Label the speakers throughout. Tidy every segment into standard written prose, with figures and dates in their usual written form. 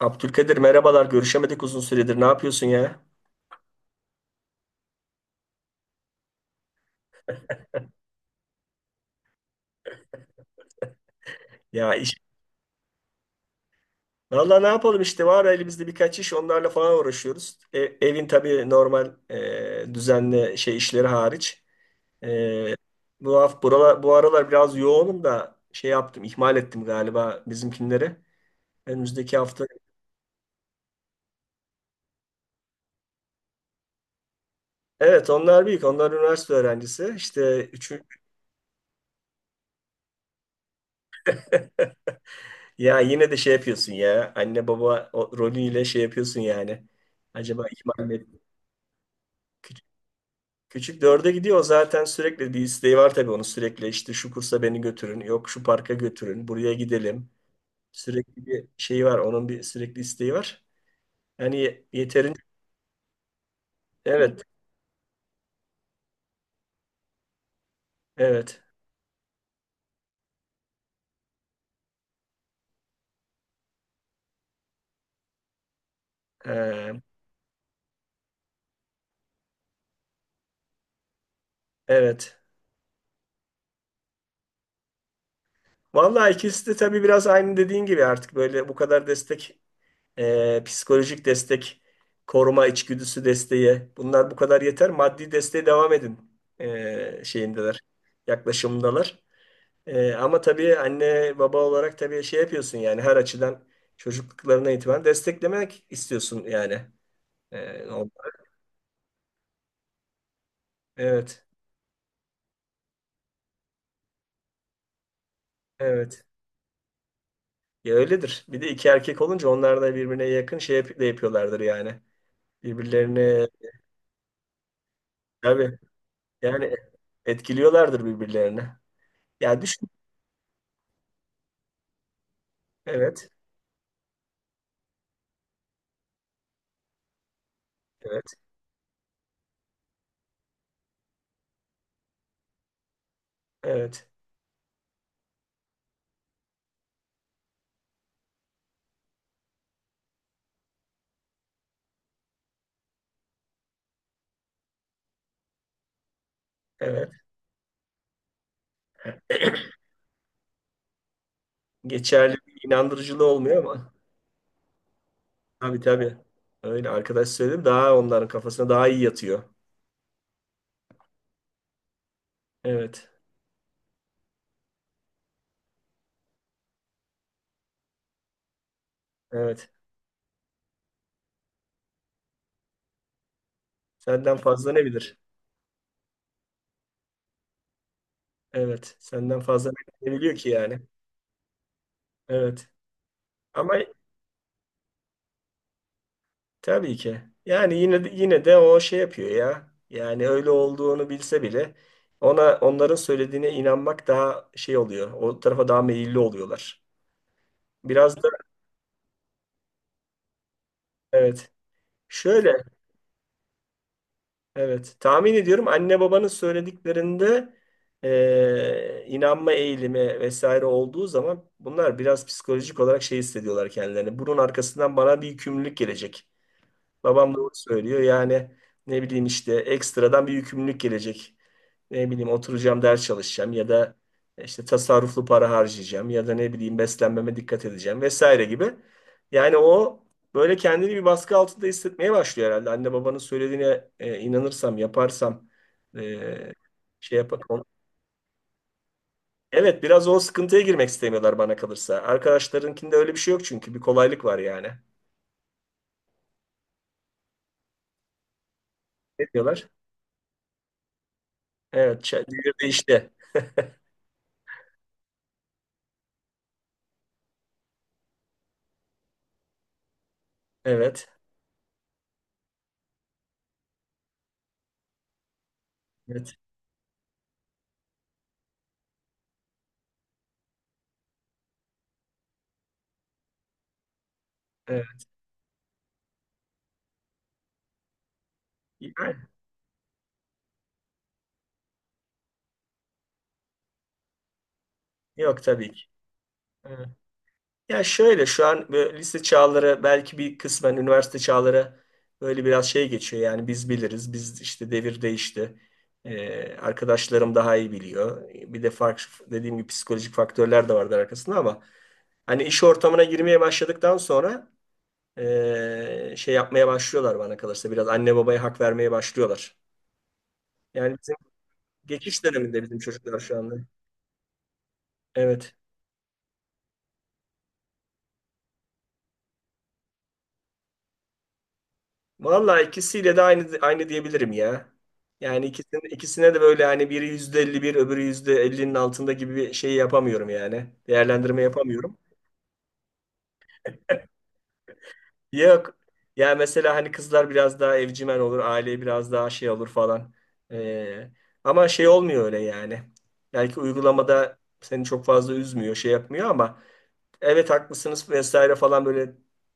Speaker 1: Abdülkadir merhabalar. Görüşemedik uzun süredir. Ne yapıyorsun ya? Ya iş. Valla ne yapalım işte var elimizde birkaç iş onlarla falan uğraşıyoruz. Evin tabii normal düzenli şey işleri hariç. E, Bu hafta buralar, bu aralar biraz yoğunum da şey yaptım ihmal ettim galiba bizimkinleri. Önümüzdeki hafta. Evet, onlar büyük. Onlar üniversite öğrencisi. İşte üçü. Ya yine de şey yapıyorsun ya. Anne baba rolüyle şey yapıyorsun yani. Acaba ihmal mi ettim? Küçük dörde gidiyor zaten, sürekli bir isteği var tabii onun. Sürekli işte şu kursa beni götürün, yok şu parka götürün, buraya gidelim, sürekli bir şeyi var onun, bir sürekli isteği var. Hani yeterince evet, evet. Ee, evet, vallahi ikisi de tabii biraz aynı dediğin gibi. Artık böyle bu kadar destek, psikolojik destek, koruma içgüdüsü desteği, bunlar bu kadar yeter, maddi desteğe devam edin, şeyindeler, yaklaşımındalar. Ama tabii anne baba olarak tabii şey yapıyorsun yani her açıdan çocukluklarına itibaren desteklemek istiyorsun yani. Ee, on- evet, evet. Ya öyledir. Bir de iki erkek olunca onlar da birbirine yakın de yapıyorlardır yani. Birbirlerini tabii yani etkiliyorlardır birbirlerini. Yani düşün. Evet, evet, evet, evet. Geçerli bir inandırıcılığı olmuyor ama. Tabii tabii. Öyle arkadaş söyledim daha onların kafasına daha iyi yatıyor. Evet, evet. Senden fazla ne bilir? Evet. Senden fazla ne biliyor ki yani? Evet. Ama tabii ki. Yani yine de, yine de o şey yapıyor ya. Yani öyle olduğunu bilse bile ona onların söylediğine inanmak daha şey oluyor. O tarafa daha meyilli oluyorlar. Biraz da evet. Şöyle evet. Tahmin ediyorum anne babanın söylediklerinde inanma eğilimi vesaire olduğu zaman bunlar biraz psikolojik olarak şey hissediyorlar kendilerini. Bunun arkasından bana bir yükümlülük gelecek. Babam doğru söylüyor. Yani ne bileyim işte ekstradan bir yükümlülük gelecek. Ne bileyim oturacağım ders çalışacağım ya da işte tasarruflu para harcayacağım ya da ne bileyim beslenmeme dikkat edeceğim vesaire gibi. Yani o böyle kendini bir baskı altında hissetmeye başlıyor herhalde. Anne babanın söylediğine inanırsam, yaparsam e, şey yapar. Evet, biraz o sıkıntıya girmek istemiyorlar bana kalırsa. Arkadaşlarınkinde öyle bir şey yok çünkü bir kolaylık var yani. Ne diyorlar? Evet, devir değişti. Evet. Evet. Evet. Yani yok tabii ki. Evet. Ya şöyle şu an böyle lise çağları belki bir kısmen üniversite çağları böyle biraz şey geçiyor. Yani biz biliriz. Biz işte devir değişti. Arkadaşlarım daha iyi biliyor. Bir de farklı dediğim gibi psikolojik faktörler de vardır arkasında ama hani iş ortamına girmeye başladıktan sonra şey yapmaya başlıyorlar bana kalırsa, biraz anne babaya hak vermeye başlıyorlar. Yani bizim geçiş döneminde bizim çocuklar şu anda. Evet. Vallahi ikisiyle de aynı aynı diyebilirim ya. Yani ikisine de böyle hani biri %50 bir öbürü %50'nin altında gibi bir şey yapamıyorum yani. Değerlendirme yapamıyorum. Yok. Ya mesela hani kızlar biraz daha evcimen olur, aileye biraz daha şey olur falan. Ee, ama şey olmuyor öyle yani. Belki uygulamada seni çok fazla üzmüyor, şey yapmıyor ama evet haklısınız vesaire falan böyle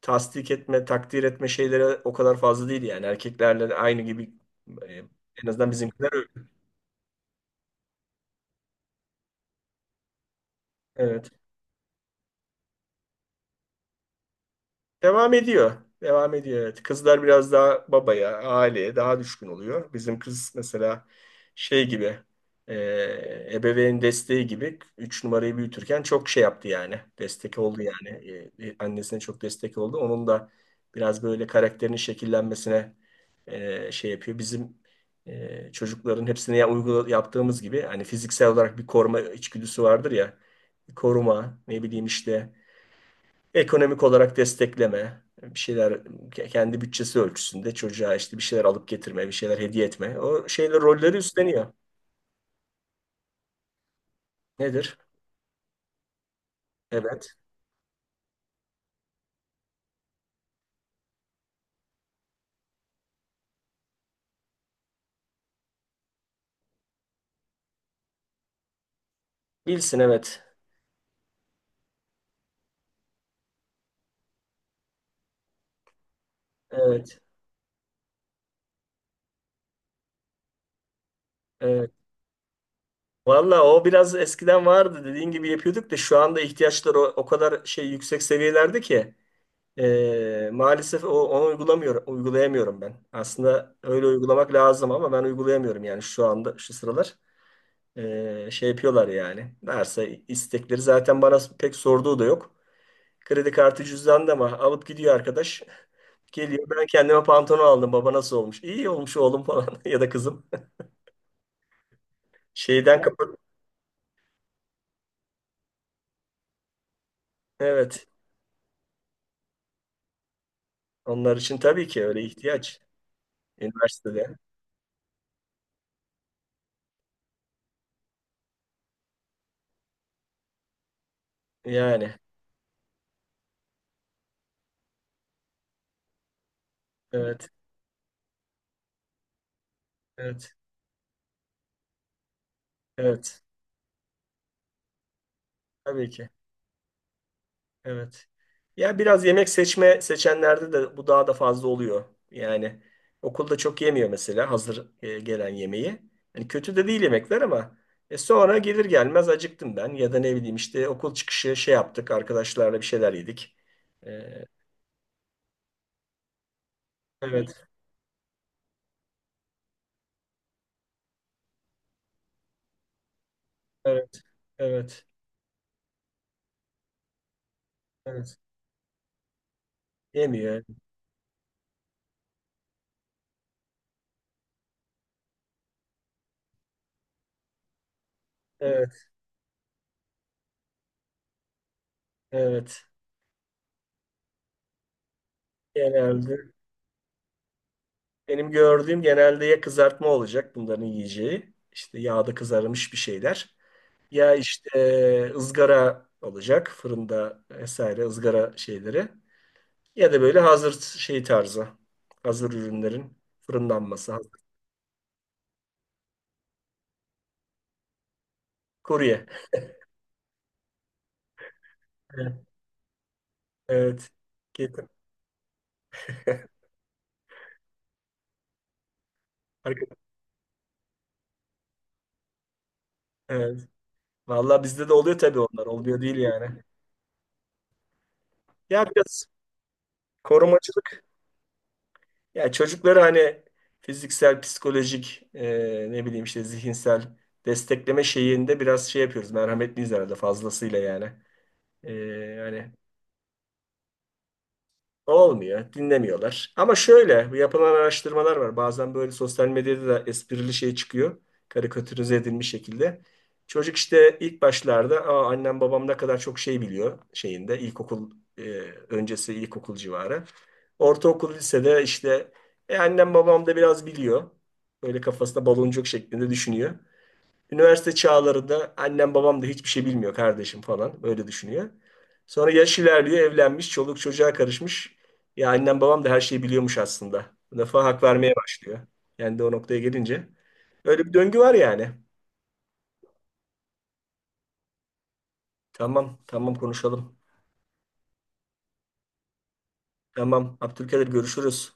Speaker 1: tasdik etme, takdir etme şeylere o kadar fazla değil yani. Erkeklerle aynı gibi. e, En azından bizimkiler öyle. Evet. Devam ediyor. Devam ediyor evet. Kızlar biraz daha babaya, aileye daha düşkün oluyor. Bizim kız mesela şey gibi e, ebeveyn desteği gibi 3 numarayı büyütürken çok şey yaptı yani. Destek oldu yani. Annesine çok destek oldu. Onun da biraz böyle karakterinin şekillenmesine şey yapıyor. Bizim çocukların hepsine ya, uygula, yaptığımız gibi hani fiziksel olarak bir koruma içgüdüsü vardır ya. Koruma, ne bileyim işte ekonomik olarak destekleme, bir şeyler kendi bütçesi ölçüsünde çocuğa işte bir şeyler alıp getirme, bir şeyler hediye etme. O şeyler rolleri üstleniyor. Nedir? Evet. Bilsin evet. Evet. Evet. Valla o biraz eskiden vardı dediğin gibi yapıyorduk da şu anda ihtiyaçlar o kadar şey yüksek seviyelerde ki maalesef onu uygulamıyorum, uygulayamıyorum ben. Aslında öyle uygulamak lazım ama ben uygulayamıyorum yani şu anda şu sıralar. Şey yapıyorlar yani. Varsa istekleri zaten bana pek sorduğu da yok. Kredi kartı cüzdan da mı? Alıp gidiyor arkadaş. Geliyor, ben kendime pantolon aldım. Baba, nasıl olmuş? İyi olmuş oğlum falan ya da kızım. Şeyden kapat. Evet. Onlar için tabii ki öyle ihtiyaç. Üniversitede. Yani. Evet. Evet. Evet. Tabii ki. Evet. Ya biraz yemek seçme seçenlerde de bu daha da fazla oluyor. Yani okulda çok yemiyor mesela hazır gelen yemeği. Hani kötü de değil yemekler ama sonra gelir gelmez acıktım ben ya da ne bileyim işte okul çıkışı şey yaptık arkadaşlarla bir şeyler yedik. E, evet, evet, evet, evet. Yemiyor. Evet, evet. Genelde benim gördüğüm, genelde ya kızartma olacak bunların yiyeceği. İşte yağda kızarmış bir şeyler. Ya işte ızgara olacak fırında vesaire, ızgara şeyleri. Ya da böyle hazır şey tarzı. Hazır ürünlerin fırınlanması. Hazır. Kurye. Evet. Evet. Kesin. Harika. Evet. Vallahi bizde de oluyor tabii onlar. Olmuyor değil yani. Ya biraz korumacılık. Ya çocukları hani fiziksel, psikolojik, ne bileyim işte zihinsel destekleme şeyinde biraz şey yapıyoruz. Merhametliyiz herhalde fazlasıyla yani. Hani olmuyor, dinlemiyorlar. Ama şöyle, bu yapılan araştırmalar var. Bazen böyle sosyal medyada da esprili şey çıkıyor. Karikatürize edilmiş şekilde. Çocuk işte ilk başlarda, "Aa, annem babam ne kadar çok şey biliyor" şeyinde, ilkokul e, öncesi, ilkokul civarı. Ortaokul lisede işte, annem babam da biraz biliyor." Böyle kafasında baloncuk şeklinde düşünüyor. Üniversite çağlarında, "Annem babam da hiçbir şey bilmiyor kardeşim" falan böyle düşünüyor. Sonra yaş ilerliyor, evlenmiş, çoluk çocuğa karışmış. "Ya annem babam da her şeyi biliyormuş aslında." Bu defa hak vermeye başlıyor. Yani de o noktaya gelince. Öyle bir döngü var yani. Tamam, tamam konuşalım. Tamam, Abdülkadir görüşürüz.